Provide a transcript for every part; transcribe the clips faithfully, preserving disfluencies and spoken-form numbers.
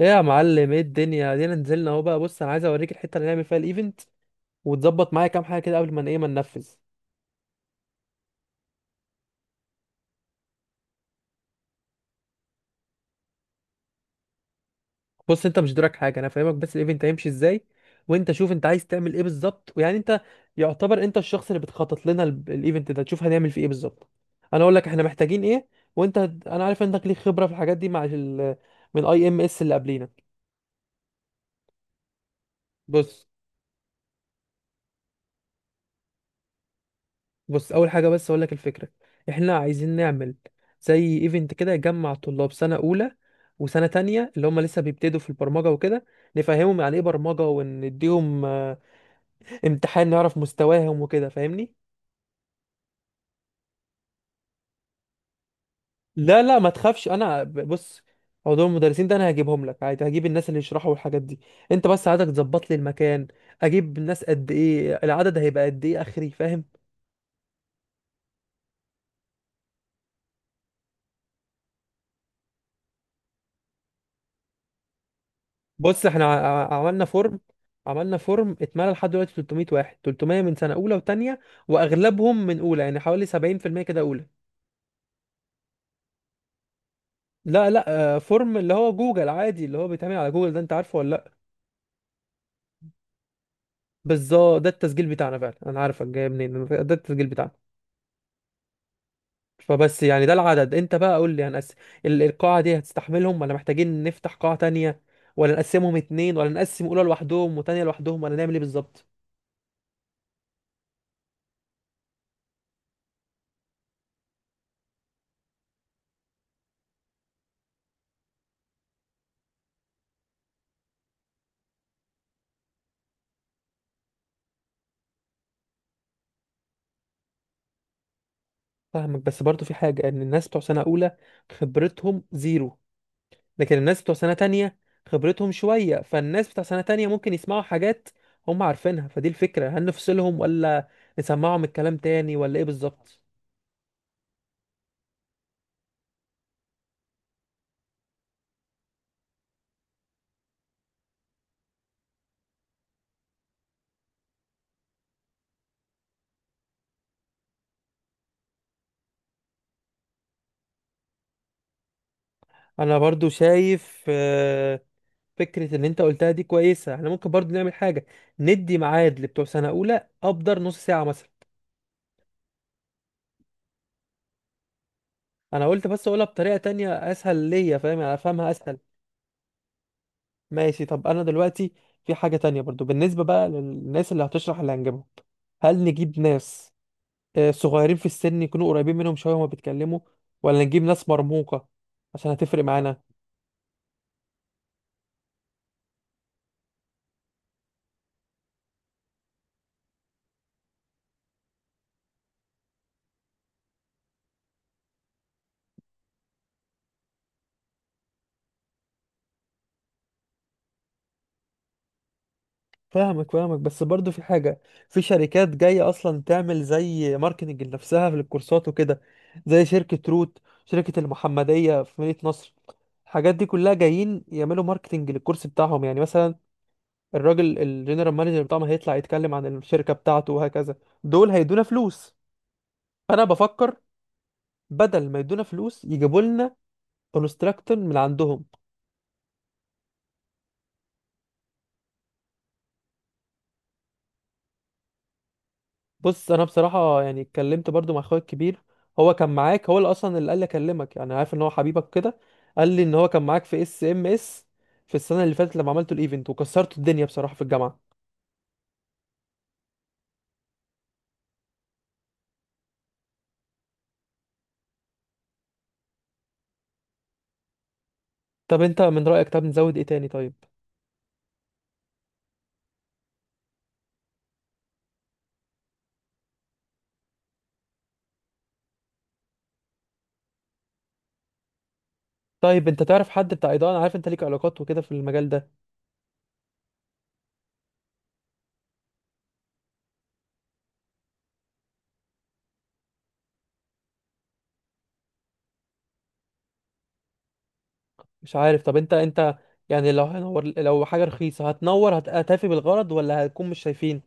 ايه يا معلم، ايه الدنيا دينا نزلنا اهو. بقى بص انا عايز اوريك الحته اللي نعمل فيها الايفنت وتظبط معايا كام حاجه كده قبل ما ايه ما ننفذ. بص انت مش دورك حاجه، انا فاهمك، بس الايفنت هيمشي ازاي، وانت شوف انت عايز تعمل ايه بالظبط، ويعني انت يعتبر انت الشخص اللي بتخطط لنا ال- الايفنت ده، تشوف هنعمل فيه ايه بالظبط. انا اقول لك احنا محتاجين ايه. وانت هت- انا عارف انك ليك خبره في الحاجات دي مع ال... من اي ام اس اللي قبلينا. بص بص، اول حاجه بس اقول لك الفكره. احنا عايزين نعمل زي ايفنت كده يجمع طلاب سنه اولى وسنه تانية اللي هم لسه بيبتدوا في البرمجه وكده، نفهمهم يعني ايه برمجه ونديهم آه، امتحان نعرف مستواهم وكده، فاهمني؟ لا لا، ما تخافش، انا ب- بص، موضوع المدرسين ده انا هجيبهم لك عادي، هجيب الناس اللي يشرحوا الحاجات دي. انت بس عايزك تظبط لي المكان، اجيب الناس قد ايه، العدد هيبقى قد ايه اخري، فاهم؟ بص احنا ع- عملنا فورم عملنا فورم اتملى لحد دلوقتي تلتمية واحد، تلتمية من سنة أولى وتانية، وأغلبهم من أولى يعني حوالي سبعين في المية كده أولى. لا لا. آه، فورم اللي هو جوجل عادي، اللي هو بيتعمل على جوجل ده، أنت عارفه ولا لأ؟ بالظبط، ده التسجيل بتاعنا فعلا، أنا عارفك جاي منين، ده التسجيل بتاعنا. فبس يعني ده العدد، أنت بقى قول لي هنقسم، ال- القاعة دي هتستحملهم ولا محتاجين نفتح قاعة تانية، ولا نقسمهم اتنين، ولا نقسم أولى لوحدهم وتانية لوحدهم، ولا نعمل إيه بالظبط؟ فاهمك، بس برضو في حاجة، ان الناس بتوع سنة اولى خبرتهم زيرو، لكن الناس بتوع سنة تانية خبرتهم شوية، فالناس بتوع سنة تانية ممكن يسمعوا حاجات هم عارفينها، فدي الفكرة، هل نفصلهم ولا نسمعهم الكلام تاني، ولا ايه بالظبط؟ انا برضو شايف آه، فكرة اللي انت قلتها دي كويسة، احنا ممكن برضو نعمل حاجة، ندي ميعاد لبتوع سنة اولى ابدر نص ساعة مثلا. انا قلت بس اقولها بطريقة تانية اسهل ليا، فاهم؟ يعني افهمها اسهل. ماشي. طب انا دلوقتي في حاجة تانية برضو بالنسبة بقى للناس اللي هتشرح اللي هنجيبهم، هل نجيب ناس آه، صغيرين في السن يكونوا قريبين منهم شوية وما بيتكلموا، ولا نجيب ناس مرموقة عشان هتفرق معانا؟ فاهمك فاهمك، بس برضو في حاجة، في شركات جاية أصلا تعمل زي ماركتنج لنفسها في الكورسات وكده، زي شركة روت، شركة المحمدية في مدينة نصر، الحاجات دي كلها جايين يعملوا ماركتنج للكورس بتاعهم، يعني مثلا الراجل الجنرال مانجر بتاعهم هيطلع يتكلم عن الشركة بتاعته وهكذا. دول هيدونا فلوس، فانا بفكر بدل ما يدونا فلوس يجيبوا لنا كونستراكتور من عندهم. بص، انا بصراحة يعني اتكلمت برضو مع اخويا الكبير، هو كان معاك، هو اللي اصلا اللي قال لي اكلمك، يعني عارف ان هو حبيبك كده. قال لي ان هو كان معاك في اس ام اس في السنة اللي فاتت لما عملتوا الايفنت وكسرتوا الدنيا بصراحة في الجامعة. طب انت من رأيك، طب نزود ايه تاني؟ طيب، طيب انت تعرف حد بتاع اضاءة؟ انا عارف انت ليك علاقات وكده في المجال ده. مش عارف، طب انت انت يعني لو هنور، لو حاجة رخيصة هتنور، هت- هتفي بالغرض ولا هتكون مش شايفين؟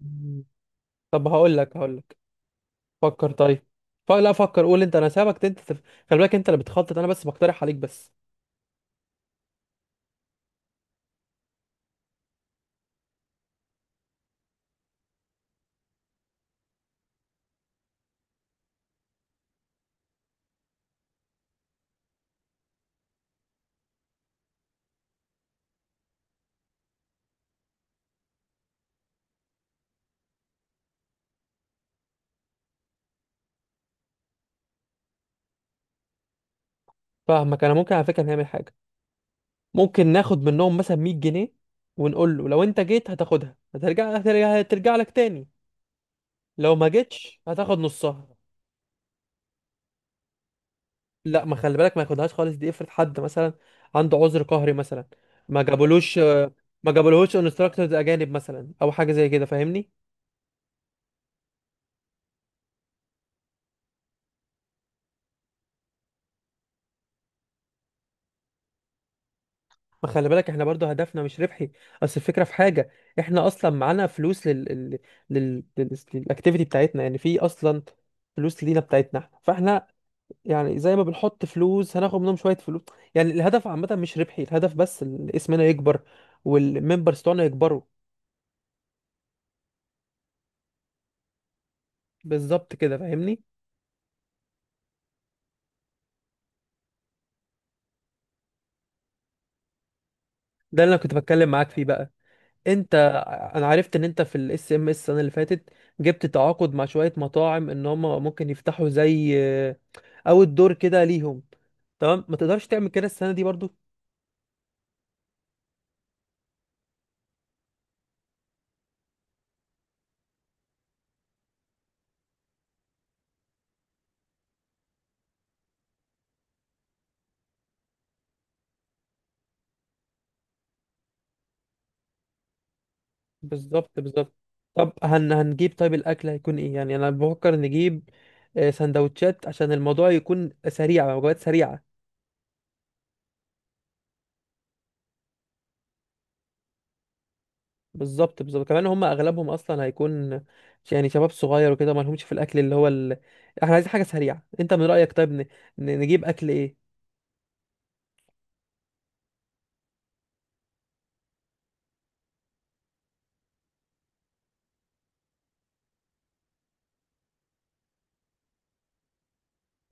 مم. طب هقول لك هقول لك، فكر طيب. ف... لا فكر قول انت، انا سابك انت تف... خلي بالك انت اللي بتخطط، انا بس بقترح عليك بس. فاهمك. انا ممكن على فكرة نعمل حاجة، ممكن ناخد منهم مثلا مية جنيه، ونقول له لو انت جيت هتاخدها، هترجع هترجع هترجع لك تاني، لو ما جيتش هتاخد نصها. لا، ما خلي بالك، ما ياخدهاش خالص دي، افرض حد مثلا عنده عذر قهري مثلا، ما جابولوش، ما جابولهوش انستراكتورز اجانب مثلا او حاجه زي كده، فاهمني؟ ما خلي بالك احنا برضو هدفنا مش ربحي، اصل الفكره في حاجه، احنا اصلا معانا فلوس لل لل لل لل- للاكتيفيتي بتاعتنا يعني، في اصلا فلوس لينا بتاعتنا احنا، فاحنا يعني زي ما بنحط فلوس هناخد منهم شويه فلوس، يعني الهدف عامه مش ربحي، الهدف بس ال- اسمنا يكبر، والممبرز بتوعنا يكبروا. بالظبط كده، فاهمني؟ ده اللي انا كنت بتكلم معاك فيه بقى. انت، انا عرفت ان انت في الاس ام اس السنه اللي فاتت جبت تعاقد مع شويه مطاعم ان هم ممكن يفتحوا زي، او الدور كده ليهم، تمام؟ ما تقدرش تعمل كده السنه دي برضو؟ بالظبط بالظبط. طب هن هنجيب، طيب الاكل هيكون ايه؟ يعني انا بفكر نجيب آه، سندوتشات عشان الموضوع يكون سريع، وجبات سريعه. بالظبط بالظبط، كمان هم اغلبهم اصلا هيكون ش- يعني شباب صغير وكده، ما لهمش في الاكل اللي هو ال... احنا عايزين حاجه سريعه. انت من رايك طيب ن... ن- نجيب اكل ايه؟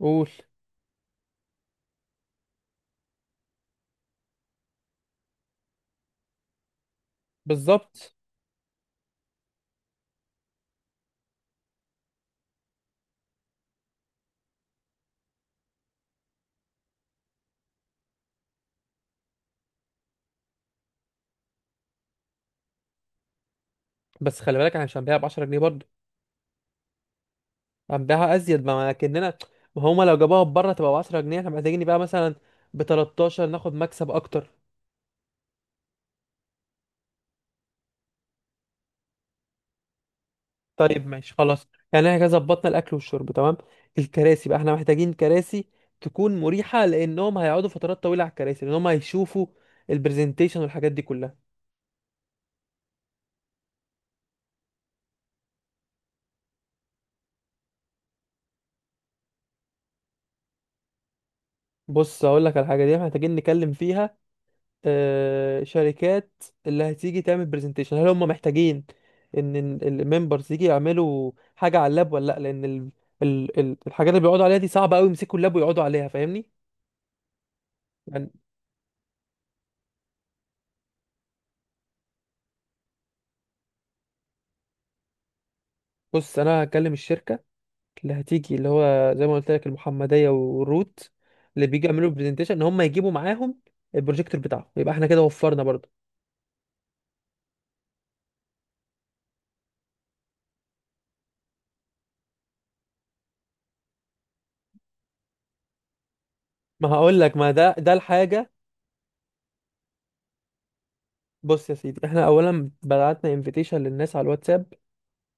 قول. بالظبط. بس خلي بالك احنا مش هنبيعها ب عشرة جنيه برضه، هنبيعها ازيد، ما ما كاننا، ما هما لو جابوها بره تبقى ب عشرة جنيه، احنا محتاجين نبيعها مثلا ب تلاتاشر ناخد مكسب اكتر. طيب ماشي خلاص، يعني احنا كده ظبطنا الاكل والشرب، تمام. الكراسي بقى، احنا محتاجين كراسي تكون مريحه لانهم هيقعدوا فترات طويله على الكراسي، لان هم هيشوفوا البرزنتيشن والحاجات دي كلها. بص هقول لك على الحاجه دي، إحنا محتاجين نتكلم فيها. آه، شركات اللي هتيجي تعمل برزنتيشن هل هم محتاجين ان الممبرز يجي يعملوا حاجه على اللاب ولا لا؟ لان ال... ال... ال... الحاجات اللي بيقعدوا عليها دي صعبه قوي يمسكوا اللاب ويقعدوا عليها، فاهمني؟ يعني. بص انا هكلم الشركه اللي هتيجي، اللي هو زي ما قلت لك المحمديه والروت، اللي بيجي يعملوا برزنتيشن ان هم يجيبوا معاهم البروجيكتور بتاعهم، يبقى احنا كده وفرنا برضه. ما هقول لك، ما ده ده الحاجه. بص يا سيدي، احنا اولا بعتنا انفيتيشن للناس على الواتساب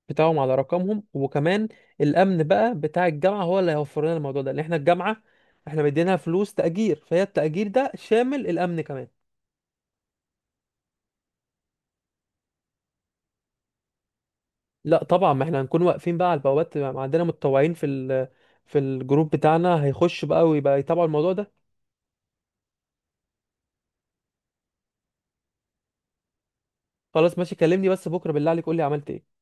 بتاعهم على رقمهم، وكمان الامن بقى بتاع الجامعه هو اللي هيوفر لنا الموضوع ده، لان احنا الجامعه احنا مدينها فلوس تاجير، فهي التاجير ده شامل الامن كمان. لا طبعا، ما احنا هنكون واقفين بقى على البوابات، ما عندنا متطوعين في ال في الجروب بتاعنا هيخش بقى ويبقى يتابعوا الموضوع ده. خلاص ماشي، كلمني بس بكره بالله عليك قول لي عملت ايه.